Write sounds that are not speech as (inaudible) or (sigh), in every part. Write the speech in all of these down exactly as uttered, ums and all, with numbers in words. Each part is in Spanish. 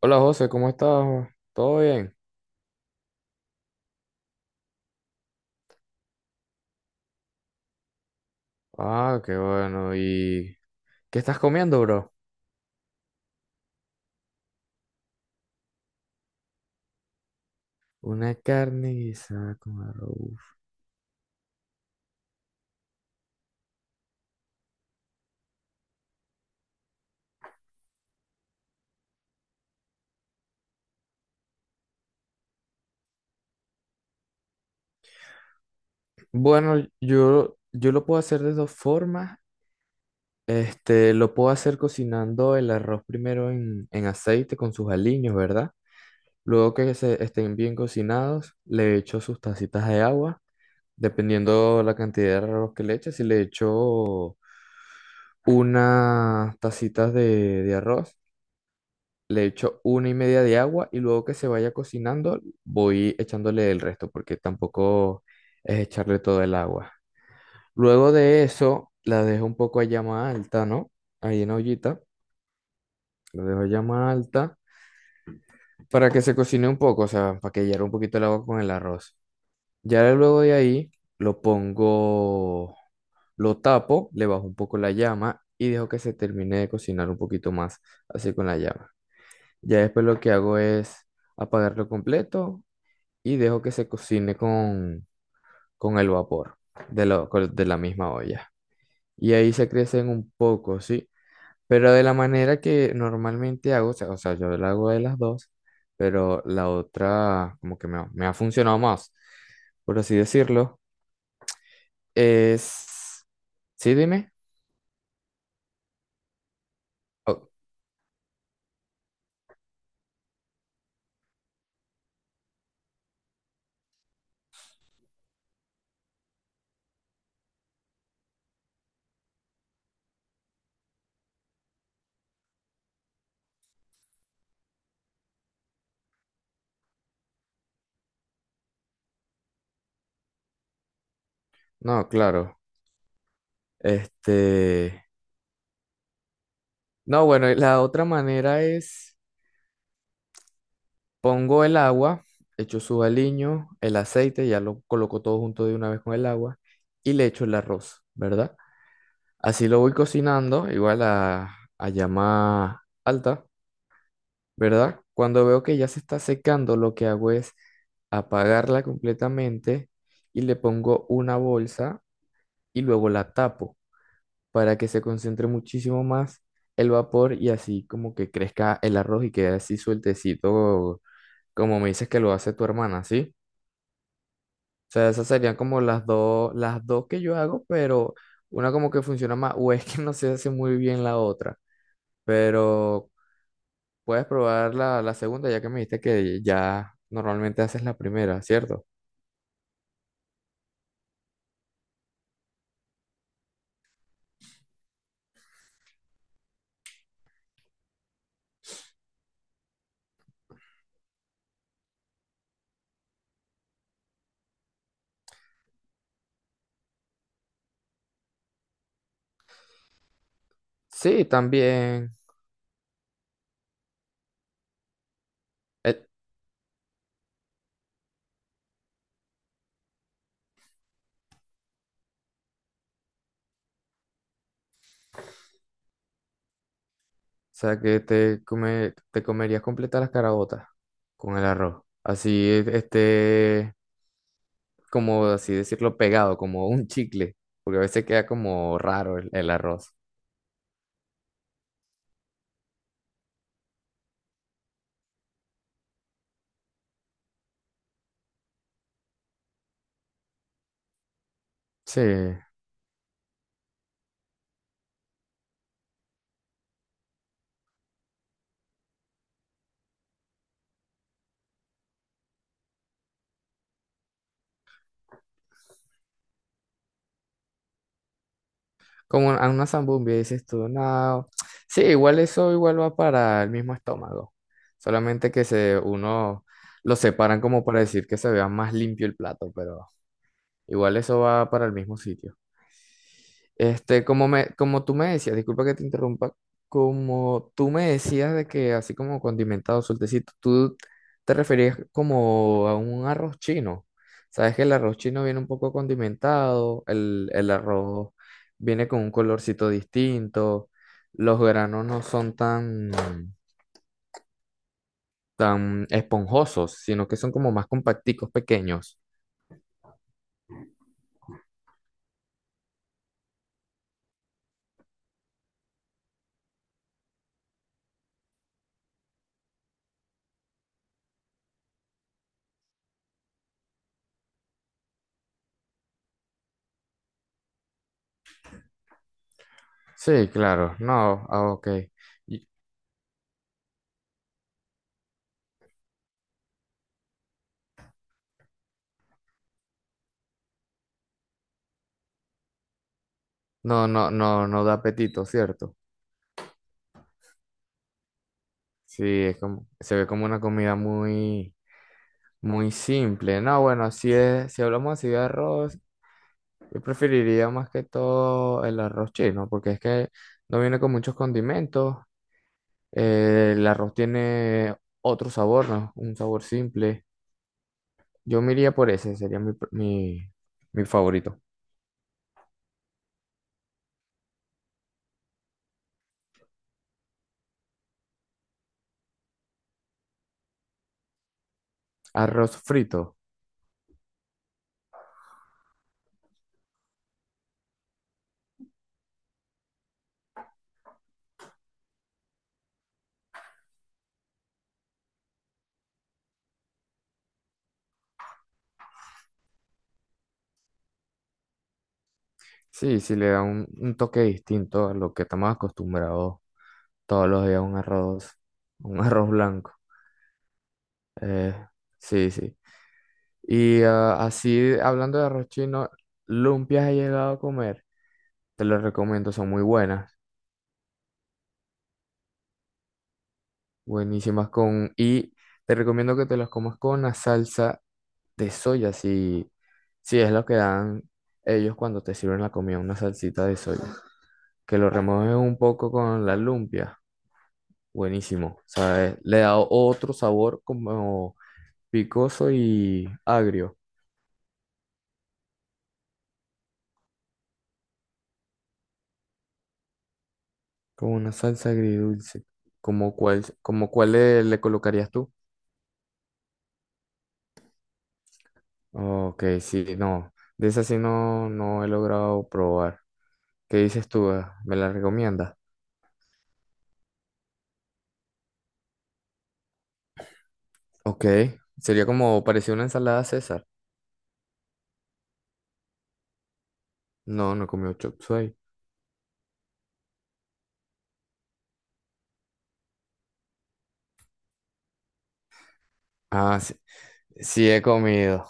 Hola José, ¿cómo estás? ¿Todo bien? Ah, qué bueno. ¿Y qué estás comiendo, bro? Una carne guisada con arroz. Bueno, yo, yo lo puedo hacer de dos formas. Este, lo puedo hacer cocinando el arroz primero en, en aceite con sus aliños, ¿verdad? Luego que se estén bien cocinados, le echo sus tacitas de agua, dependiendo la cantidad de arroz que le eches. Si le echo unas tacitas de, de arroz, le echo una y media de agua y luego que se vaya cocinando voy echándole el resto porque tampoco es echarle todo el agua. Luego de eso la dejo un poco a llama alta, ¿no? Ahí en la ollita, la dejo a llama alta para que se cocine un poco, o sea, para que hierva un poquito el agua con el arroz. Ya luego de ahí lo pongo, lo tapo, le bajo un poco la llama y dejo que se termine de cocinar un poquito más así con la llama. Ya después lo que hago es apagarlo completo y dejo que se cocine con, con el vapor de, lo- con- de la misma olla. Y ahí se crecen un poco, ¿sí? Pero de la manera que normalmente hago, o sea, o sea, yo la hago de las dos, pero la otra como que me, ha- me ha funcionado más, por así decirlo, es... ¿Sí, dime? Oh, no, claro. Este... No, bueno, y la otra manera es... Pongo el agua, echo su aliño, el aceite, ya lo coloco todo junto de una vez con el agua y le echo el arroz, ¿verdad? Así lo voy cocinando, igual a, a llama alta, ¿verdad? Cuando veo que ya se está secando, lo que hago es apagarla completamente y le pongo una bolsa y luego la tapo para que se concentre muchísimo más el vapor y así como que crezca el arroz y quede así sueltecito, como me dices que lo hace tu hermana, ¿sí? Sea, esas serían como las dos, las dos que yo hago, pero una como que funciona más, o es que no se hace muy bien la otra, pero puedes probar la, la segunda, ya que me dijiste que ya normalmente haces la primera, ¿cierto? Sí, también. Eh, o sea, que te come, te comerías completas las carabotas con el arroz. Así, e- este, como así decirlo, pegado, como un chicle, porque a veces queda como raro el el arroz. Sí. ¿Como a una zambumbia, dices tú? No. Sí, igual eso igual va para el mismo estómago. Solamente que se uno lo separan como para decir que se vea más limpio el plato, pero igual eso va para el mismo sitio. Este, como me, como tú me decías, disculpa que te interrumpa, como tú me decías de que así como condimentado, sueltecito, tú te referías como a un arroz chino. Sabes que el arroz chino viene un poco condimentado, el, el arroz viene con un colorcito distinto, los granos no son tan, tan esponjosos, sino que son como más compacticos, pequeños. Sí, claro, no, ah, ok. Y- No, no, no, no da apetito, ¿cierto? Sí, es como, se ve como una comida muy, muy simple. No, bueno, si es, si hablamos así de arroz, yo preferiría más que todo el arroz chino, porque es que no viene con muchos condimentos. Eh, el arroz tiene otro sabor, ¿no? Un sabor simple. Yo me iría por ese, sería mi, pr- mi, mi favorito. Arroz frito. Sí, sí le da un, un toque distinto a lo que estamos acostumbrados todos los días, un arroz, un (laughs) arroz blanco. Eh, sí, sí. Y ah, así, hablando de arroz chino, lumpias he llegado a comer. Te los recomiendo, son muy buenas, buenísimas con... Y te recomiendo que te los comas con la salsa de soya, si, si es lo que dan ellos cuando te sirven la comida, una salsita de soya. Que lo remojes un poco con la lumpia, buenísimo, ¿sabes? Le da otro sabor como picoso y agrio, como una salsa agridulce, como cuál, como cuál le le colocarías tú. Ok, sí, no. De esa sí no, no he logrado probar. ¿Qué dices tú? ¿Eh? ¿Me la recomiendas? Ok. Sería como parecía una ensalada César. No, no he comido chop suey. Ah, sí, sí he comido.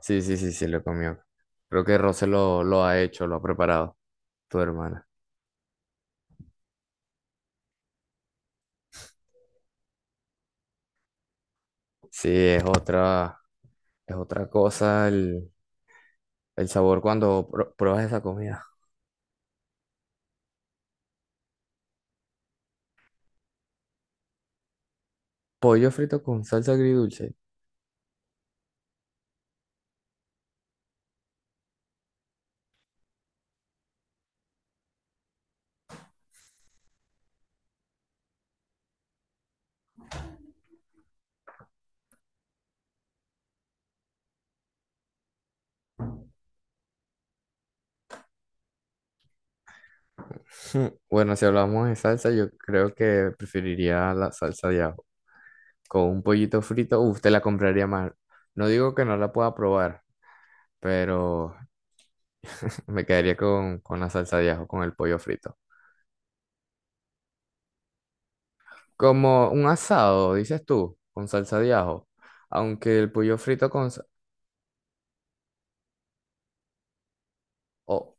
Sí, sí, sí, sí, lo he comido. Creo que Rose lo, lo ha hecho, lo ha preparado, tu hermana. Sí, es otra, es otra cosa el, el sabor cuando pro- pruebas esa comida. Pollo frito con salsa agridulce. (laughs) Bueno, si hablamos de salsa, yo creo que preferiría la salsa de ajo. Con un pollito frito, uf, te la compraría más. No digo que no la pueda probar, pero (laughs) me quedaría con, con la salsa de ajo, con el pollo frito. Como un asado, dices tú, con salsa de ajo. Aunque el pollo frito con... sa- o-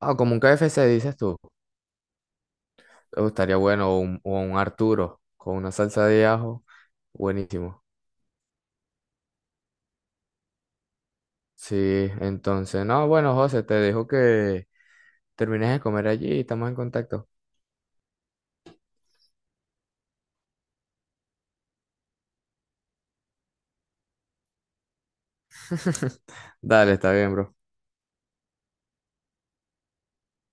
ah, como un K F C, dices tú. Oh, estaría bueno, o un, o un Arturo, con una salsa de ajo. Buenísimo. Sí, entonces, no, bueno, José, te dejo que terminas de comer allí y estamos en contacto. Dale, está bien, bro.